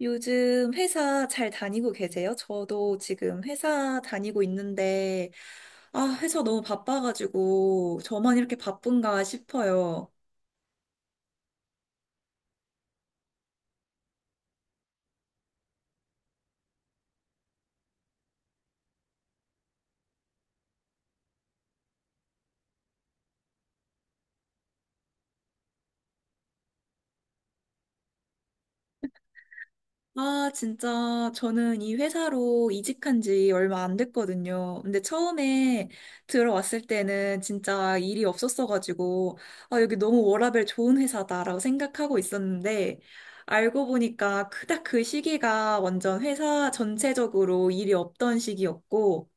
요즘 회사 잘 다니고 계세요? 저도 지금 회사 다니고 있는데, 아, 회사 너무 바빠가지고, 저만 이렇게 바쁜가 싶어요. 아, 진짜, 저는 이 회사로 이직한 지 얼마 안 됐거든요. 근데 처음에 들어왔을 때는 진짜 일이 없었어가지고, 아, 여기 너무 워라밸 좋은 회사다라고 생각하고 있었는데, 알고 보니까 그닥 그 시기가 완전 회사 전체적으로 일이 없던 시기였고,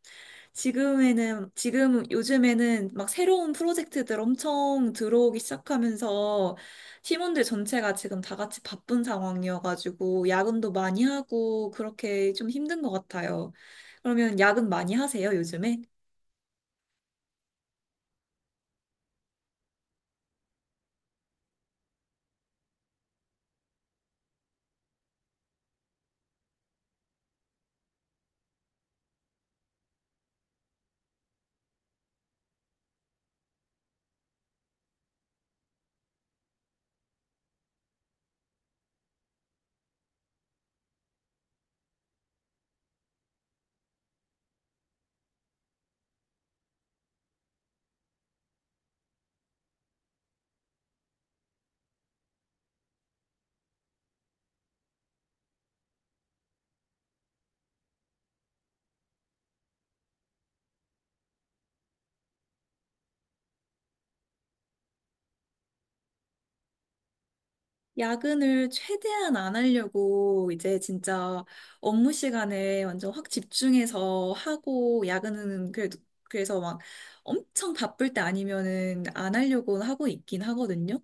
지금에는, 지금 요즘에는 막 새로운 프로젝트들 엄청 들어오기 시작하면서 팀원들 전체가 지금 다 같이 바쁜 상황이어가지고 야근도 많이 하고 그렇게 좀 힘든 것 같아요. 그러면 야근 많이 하세요, 요즘에? 야근을 최대한 안 하려고 이제 진짜 업무 시간에 완전 확 집중해서 하고 야근은 그래도 그래서 막 엄청 바쁠 때 아니면은 안 하려고 하고 있긴 하거든요.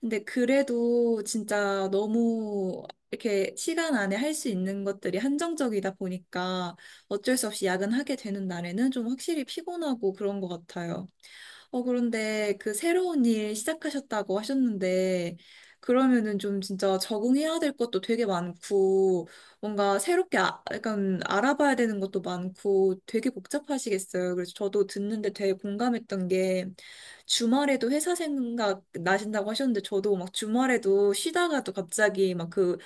근데 그래도 진짜 너무 이렇게 시간 안에 할 수 있는 것들이 한정적이다 보니까 어쩔 수 없이 야근하게 되는 날에는 좀 확실히 피곤하고 그런 것 같아요. 어, 그런데 그 새로운 일 시작하셨다고 하셨는데, 그러면은 좀 진짜 적응해야 될 것도 되게 많고, 뭔가 새롭게 아, 약간 알아봐야 되는 것도 많고, 되게 복잡하시겠어요. 그래서 저도 듣는데 되게 공감했던 게, 주말에도 회사 생각 나신다고 하셨는데, 저도 막 주말에도 쉬다가도 갑자기 막 그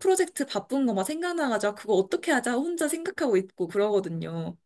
프로젝트 바쁜 거 막 생각나가지고, 아, 그거 어떻게 하자 혼자 생각하고 있고 그러거든요.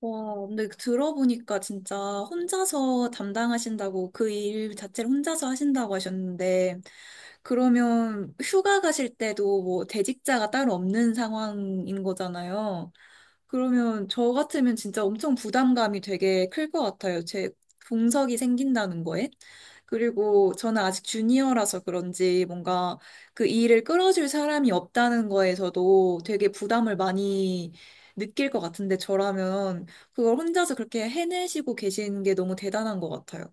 와, 근데 들어보니까 진짜 혼자서 담당하신다고 그 일 자체를 혼자서 하신다고 하셨는데, 그러면 휴가 가실 때도 뭐 대직자가 따로 없는 상황인 거잖아요. 그러면 저 같으면 진짜 엄청 부담감이 되게 클 것 같아요. 제 공석이 생긴다는 거에. 그리고 저는 아직 주니어라서 그런지 뭔가 그 일을 끌어줄 사람이 없다는 거에서도 되게 부담을 많이 느낄 것 같은데 저라면 그걸 혼자서 그렇게 해내시고 계신 게 너무 대단한 것 같아요.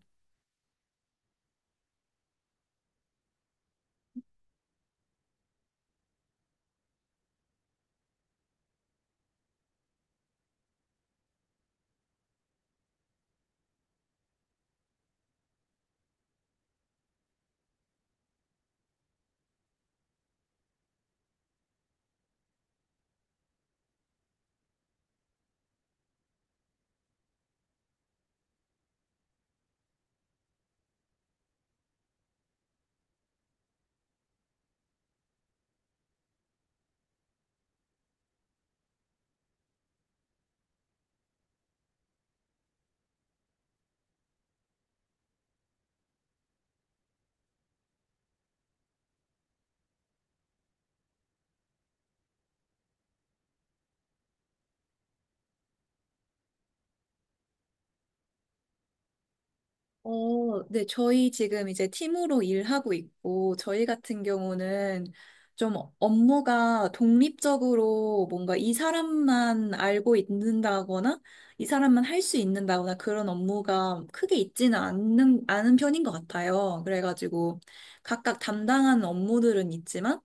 어, 네, 저희 지금 이제 팀으로 일하고 있고, 저희 같은 경우는 좀 업무가 독립적으로 뭔가 이 사람만 알고 있는다거나, 이 사람만 할 수 있는다거나 그런 업무가 크게 있지는 않는, 않은 편인 것 같아요. 그래가지고 각각 담당하는 업무들은 있지만,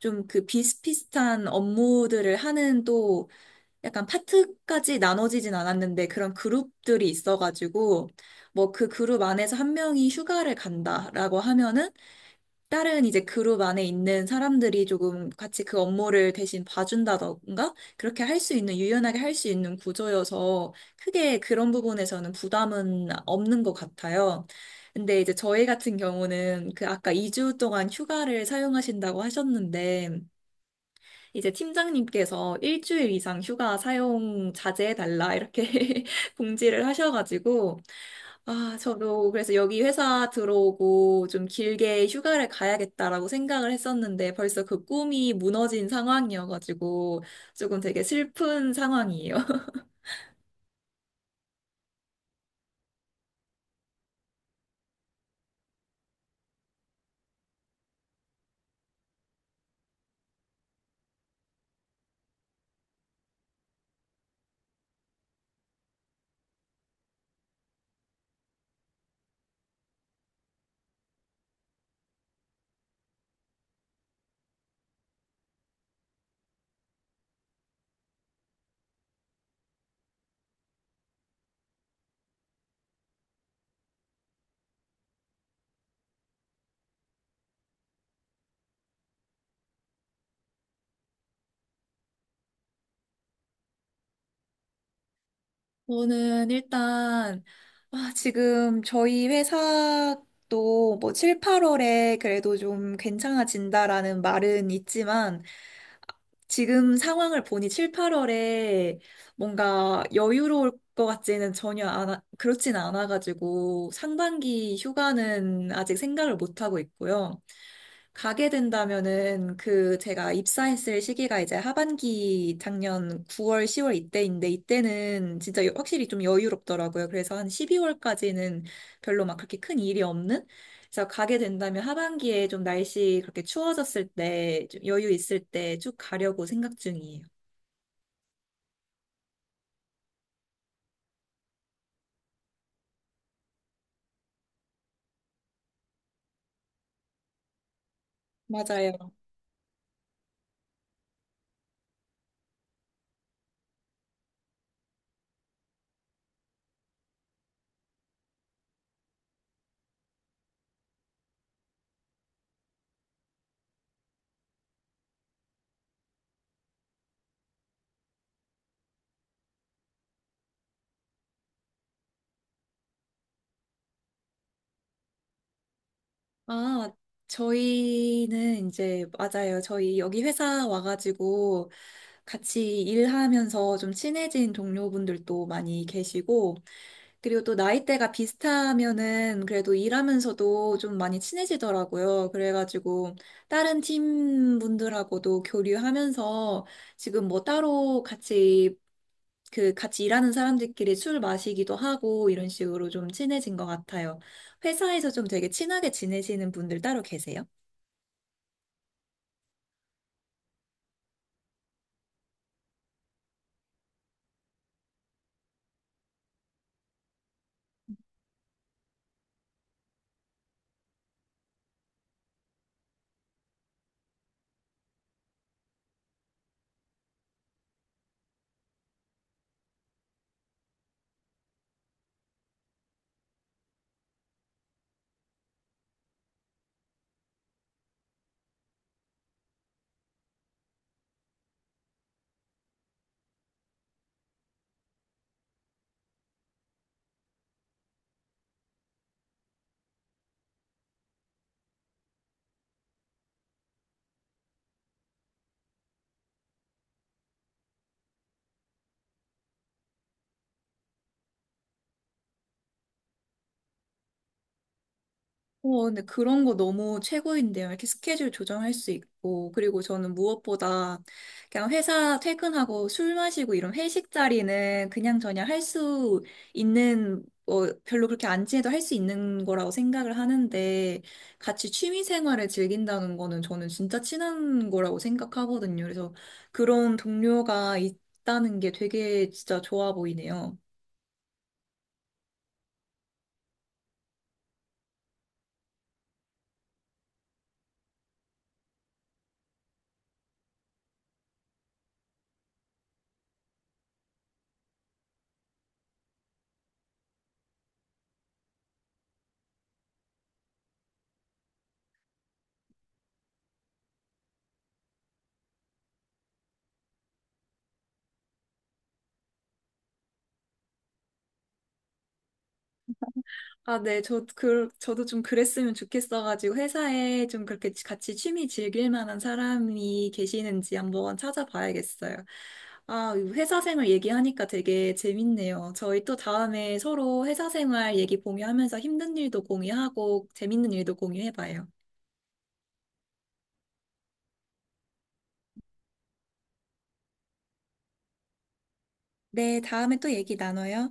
좀 그 비슷비슷한 업무들을 하는 또 약간 파트까지 나눠지진 않았는데 그런 그룹들이 있어가지고 뭐 그 그룹 안에서 한 명이 휴가를 간다라고 하면은 다른 이제 그룹 안에 있는 사람들이 조금 같이 그 업무를 대신 봐준다던가 그렇게 할 수 있는 유연하게 할 수 있는 구조여서 크게 그런 부분에서는 부담은 없는 것 같아요. 근데 이제 저희 같은 경우는 그 아까 2주 동안 휴가를 사용하신다고 하셨는데 이제 팀장님께서 일주일 이상 휴가 사용 자제해달라 이렇게 공지를 하셔가지고, 아, 저도 그래서 여기 회사 들어오고 좀 길게 휴가를 가야겠다라고 생각을 했었는데 벌써 그 꿈이 무너진 상황이어가지고 조금 되게 슬픈 상황이에요. 저는 일단, 아, 지금 저희 회사도 뭐 7, 8월에 그래도 좀 괜찮아진다라는 말은 있지만, 지금 상황을 보니 7, 8월에 뭔가 여유로울 것 같지는 전혀 안 그렇진 않아가지고 상반기 휴가는 아직 생각을 못 하고 있고요. 가게 된다면은 그 제가 입사했을 시기가 이제 하반기 작년 9월, 10월 이때인데 이때는 진짜 여- 확실히 좀 여유롭더라고요. 그래서 한 12월까지는 별로 막 그렇게 큰 일이 없는? 그래서 가게 된다면 하반기에 좀 날씨 그렇게 추워졌을 때, 좀 여유 있을 때 쭉 가려고 생각 중이에요. 맞아요. 아, 저희는 이제, 맞아요. 저희 여기 회사 와가지고 같이 일하면서 좀 친해진 동료분들도 많이 계시고, 그리고 또 나이대가 비슷하면은 그래도 일하면서도 좀 많이 친해지더라고요. 그래가지고 다른 팀분들하고도 교류하면서 지금 뭐 따로 같이 그 같이 일하는 사람들끼리 술 마시기도 하고 이런 식으로 좀 친해진 것 같아요. 회사에서 좀 되게 친하게 지내시는 분들 따로 계세요? 어, 근데 그런 거 너무 최고인데요. 이렇게 스케줄 조정할 수 있고, 그리고 저는 무엇보다 그냥 회사 퇴근하고 술 마시고 이런 회식 자리는 그냥 저냥 할 수 있는, 어, 별로 그렇게 안 친해도 할 수 있는 거라고 생각을 하는데, 같이 취미 생활을 즐긴다는 거는 저는 진짜 친한 거라고 생각하거든요. 그래서 그런 동료가 있다는 게 되게 진짜 좋아 보이네요. 아, 네, 저, 그, 저도 좀 그랬으면 좋겠어가지고, 회사에 좀 그렇게 같이 취미 즐길 만한 사람이 계시는지 한번 찾아봐야겠어요. 아, 이 회사 생활 얘기하니까 되게 재밌네요. 저희 또 다음에 서로 회사 생활 얘기 공유하면서 힘든 일도 공유하고, 재밌는 일도 공유해봐요. 네, 다음에 또 얘기 나눠요.